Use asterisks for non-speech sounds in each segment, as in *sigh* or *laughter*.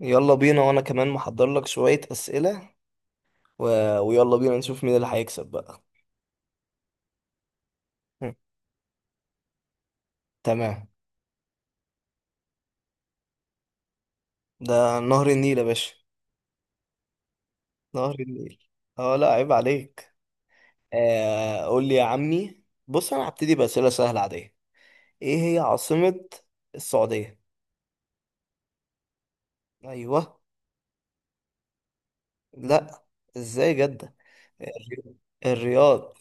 يلا بينا وانا كمان محضر لك شوية أسئلة و... ويلا بينا نشوف مين اللي هيكسب بقى. هم، تمام. ده نهر النيل يا باشا. نهر النيل. اه، لا، عيب عليك. قول لي يا عمي. بص، انا هبتدي بأسئلة سهلة عادية. ايه هي عاصمة السعودية؟ ايوه. لا. ازاي جدة؟ الري- الرياض.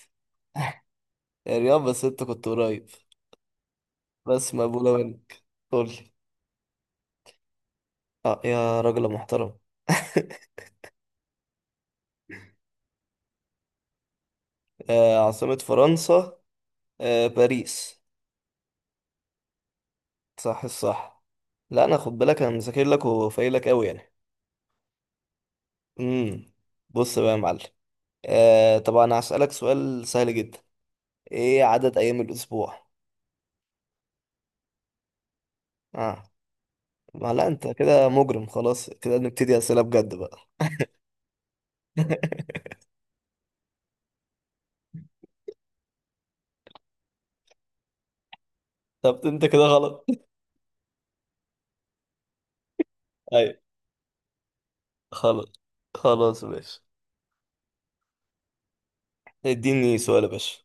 *laughs* الرياض، بس انت كنت قريب. بس مقبولة منك. قول لي. اه، يا راجل محترم. *laughs* عاصمة فرنسا. باريس. صح الصح. لا انا خد بالك، انا مذاكر لك وفايق لك قوي يعني. امم بص بقى يا معلم. طبعا هسألك سؤال سهل جدا. ايه عدد ايام الاسبوع؟ اه. ما لا، انت كده مجرم، خلاص كده نبتدي اسئله بجد بقى. *laughs* طب انت كده غلط. ايوه. خلاص. خلاص يا باشا، اديني سؤال يا باشا.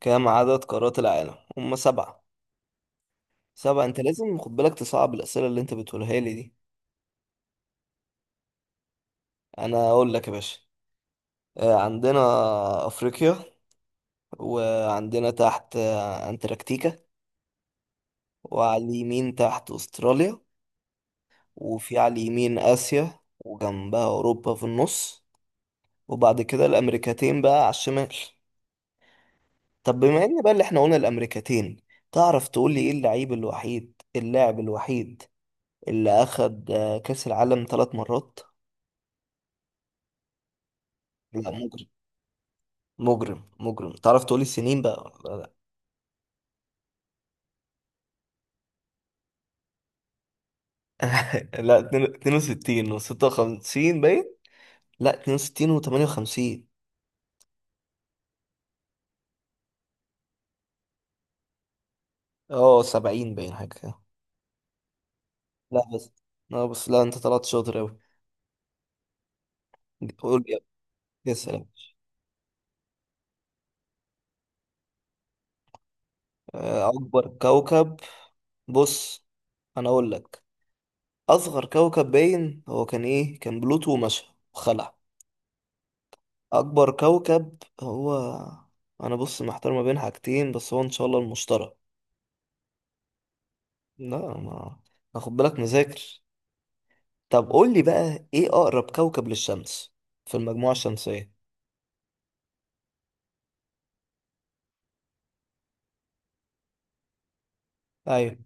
كم عدد قارات العالم؟ هم، سبعة. سبعة، انت لازم خد بالك تصعب الاسئله اللي انت بتقولها لي دي. انا اقول لك يا باشا. عندنا أفريقيا، وعندنا تحت أنتاركتيكا، وعلى اليمين تحت أستراليا، وفي على اليمين آسيا وجنبها أوروبا في النص، وبعد كده الأمريكتين بقى على الشمال. طب بما إن بقى اللي إحنا قلنا الأمريكتين، تعرف تقول لي إيه اللعيب الوحيد اللاعب الوحيد اللي أخد كأس العالم ثلاث مرات؟ لا، مجرم مجرم مجرم. تعرف تقول لي السنين بقى ولا لا؟ *laughs* لا، 62 و56 باين. لا، 62 و58. اه، 70 باين حاجة كده. لا بس، لا بس، لا، انت طلعت شاطر اوي. قول لي. يا سلام. اكبر كوكب. بص، انا اقول لك. اصغر كوكب باين هو كان ايه؟ كان بلوتو ومشى وخلع. اكبر كوكب هو، انا بص محتار ما بين حاجتين، بس هو ان شاء الله المشتري. لا ما، اخد بالك مذاكر. طب قول لي بقى، ايه اقرب كوكب للشمس في المجموعة الشمسية؟ ايوه.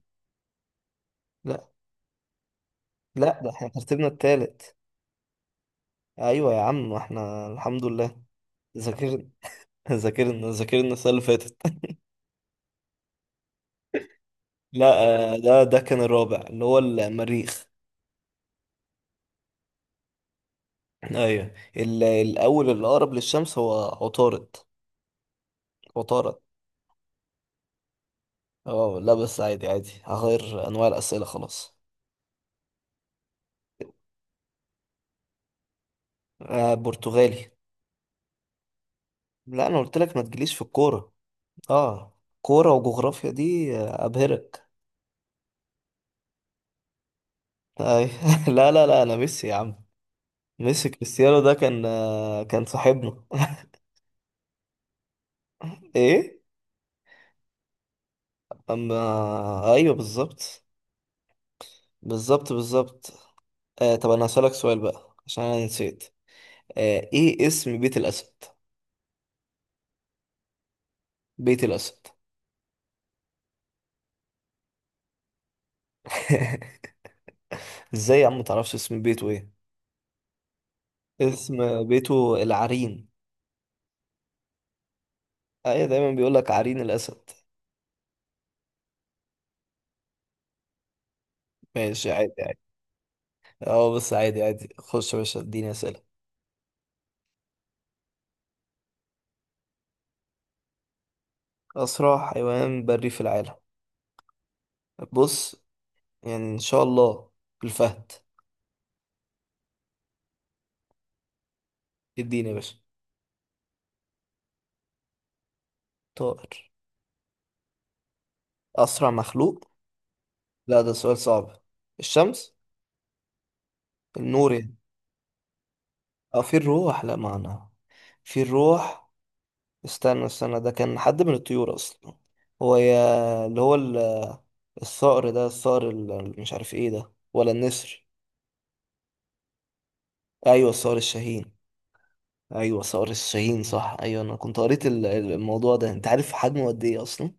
لا، ده احنا ترتيبنا التالت. ايوه يا عم، احنا الحمد لله. ذاكرنا. *laughs* ذاكرنا ذاكرنا السنه اللي فاتت. *laughs* لا، ده كان الرابع اللي هو المريخ. ايوه، الاول اللي اقرب للشمس هو عطارد. عطارد. اه، لا بس عادي عادي، هغير انواع الاسئله خلاص. برتغالي. لا انا قلت لك، ما تجيليش في الكوره. اه. كوره وجغرافيا دي ابهرك. أيوة. *laughs* لا لا لا، انا ميسي يا عم. ميسي. كريستيانو ده كان صاحبنا. ايه. اما. ايوه بالظبط. بالظبط بالظبط. طب انا هسألك سؤال بقى عشان انا نسيت. ايه اسم بيت الاسد؟ بيت الاسد. *laughs* ازاي يا عم متعرفش اسم بيته ايه؟ اسم بيته العرين. ايوه، دايما بيقولك عرين الاسد. ماشي. عادي عادي. اه، بس عادي عادي، خش يا باشا اديني اسئله. اسرع حيوان بري في العالم. بص، يعني ان شاء الله الفهد. اديني يا باشا. طائر. اسرع مخلوق. لا ده سؤال صعب. الشمس. النور يعني. اه، في الروح. لا، معنى في الروح. استنى استنى، ده كان حد من الطيور اصلا. هو، يا اللي هو، الصقر ده، مش عارف ايه ده ولا النسر. ايوه، الصقر الشاهين. ايوه صقر الشاهين، صح. ايوه، انا كنت قريت الموضوع ده. انت عارف حجمه قد ايه اصلا؟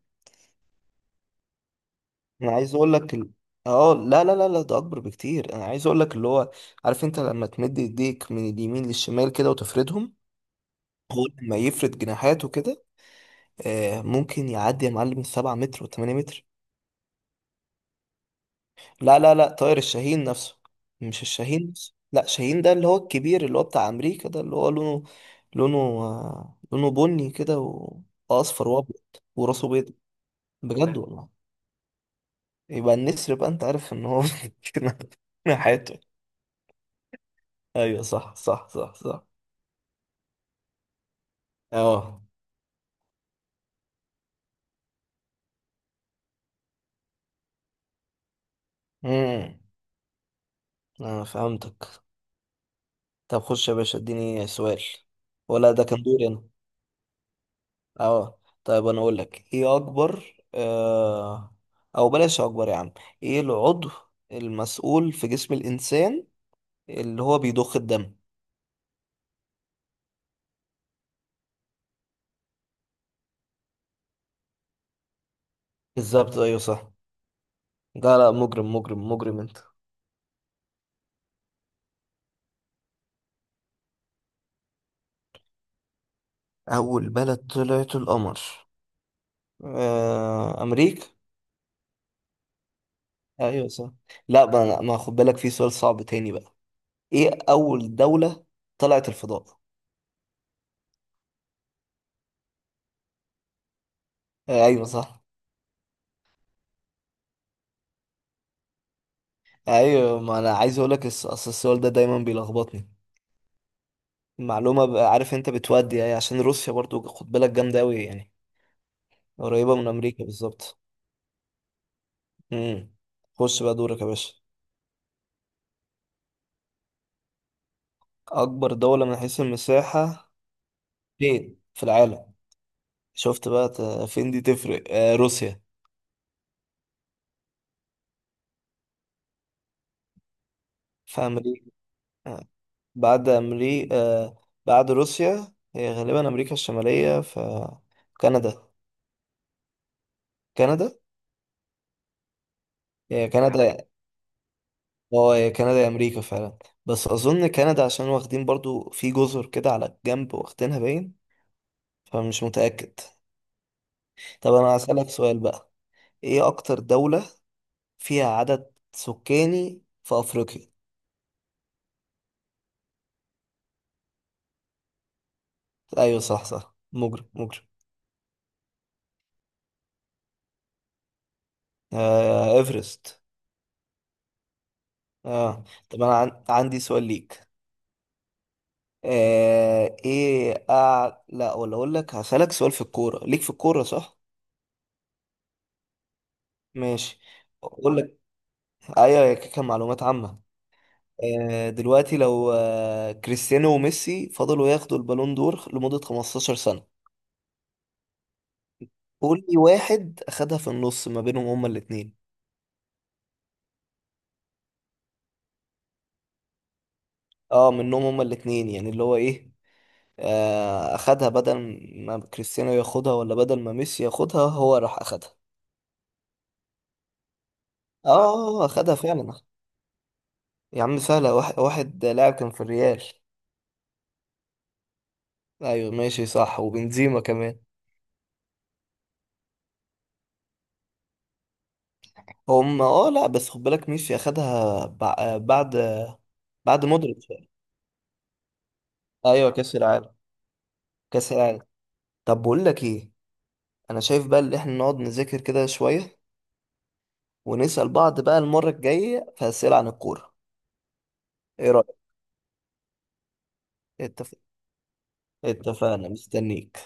انا عايز اقول لك اه، لا لا لا لا، ده اكبر بكتير. انا عايز اقول لك اللي هو، عارف انت لما تمد ايديك من اليمين للشمال كده وتفردهم، هو لما يفرد جناحاته كده، ممكن يعدي يا معلم 7 متر و8 متر. لا لا لا، طائر الشاهين نفسه. مش الشاهين نفسه، لا، شاهين ده اللي هو الكبير، اللي هو بتاع امريكا، ده اللي هو لونه. لونه. لونه بني كده واصفر وابيض وراسه بيض. بجد والله. يبقى النسر بقى، انت عارف ان هو *laughs* كده حياته. ايوه صح صح صح صح. اه. امم انا فهمتك. طب خش يا باشا اديني سؤال. ولا ده كان دوري انا؟ اه. طيب انا اقول لك. ايه اكبر او بلاش اكبر يا عم. ايه العضو المسؤول في جسم الانسان اللي هو بيضخ الدم؟ بالظبط ايوه صح. لا لا، مجرم مجرم مجرم انت. اول بلد طلعت القمر. امريكا. ايوه صح. لا، ما خد بالك في سؤال صعب تاني بقى. ايه اول دولة طلعت الفضاء؟ ايوه صح. ايوه ما انا عايز اقول لك اصل السؤال ده دايما بيلخبطني. معلومة بقى، عارف انت بتودي يعني، عشان روسيا برضو خد بالك جامدة أوي يعني. قريبة من أمريكا بالظبط. امم خش بقى دورك يا باشا. أكبر دولة من حيث المساحة فين في العالم؟ شفت بقى فين دي تفرق. آه، روسيا. في أمريكا. آه. بعد أمريكا. آه. بعد روسيا هي غالبا أمريكا الشمالية، فكندا. كندا. هي كندا. اه، هي كندا يا أمريكا فعلا. بس أظن كندا عشان واخدين برضو في جزر كده على الجنب واخدينها باين، فمش متأكد. طب انا هسألك سؤال بقى. ايه اكتر دولة فيها عدد سكاني في افريقيا؟ ايوه صح صح، مجرم مجرم. ايفرست. اه. طب انا عندي سؤال ليك. لا، ولا اقول لك هسألك سؤال في الكورة ليك في الكورة، صح. ماشي. اقول لك. ايوه، هي كده كان معلومات عامة. دلوقتي لو كريستيانو وميسي فضلوا ياخدوا البالون دور لمدة 15 سنة، قول لي واحد اخدها في النص ما بينهم هما الاتنين. اه منهم هما الاتنين يعني اللي هو ايه، اخدها بدل ما كريستيانو ياخدها ولا بدل ما ميسي ياخدها، هو راح اخدها. اه، اخدها فعلا. يا عم سهلة. واحد لاعب كان في الريال. ايوه ماشي صح، وبنزيما كمان. اه، لا بس خد بالك، ميسي اخدها بعد مودريتش. ايوه كاس العالم. كاس العالم. طب بقول لك ايه، انا شايف بقى اللي احنا نقعد نذاكر كده شوية، ونسأل بعض بقى المرة الجاية في أسئلة عن الكورة. ايه رأيك؟ اتفقنا؟ اتفقنا مستنيك.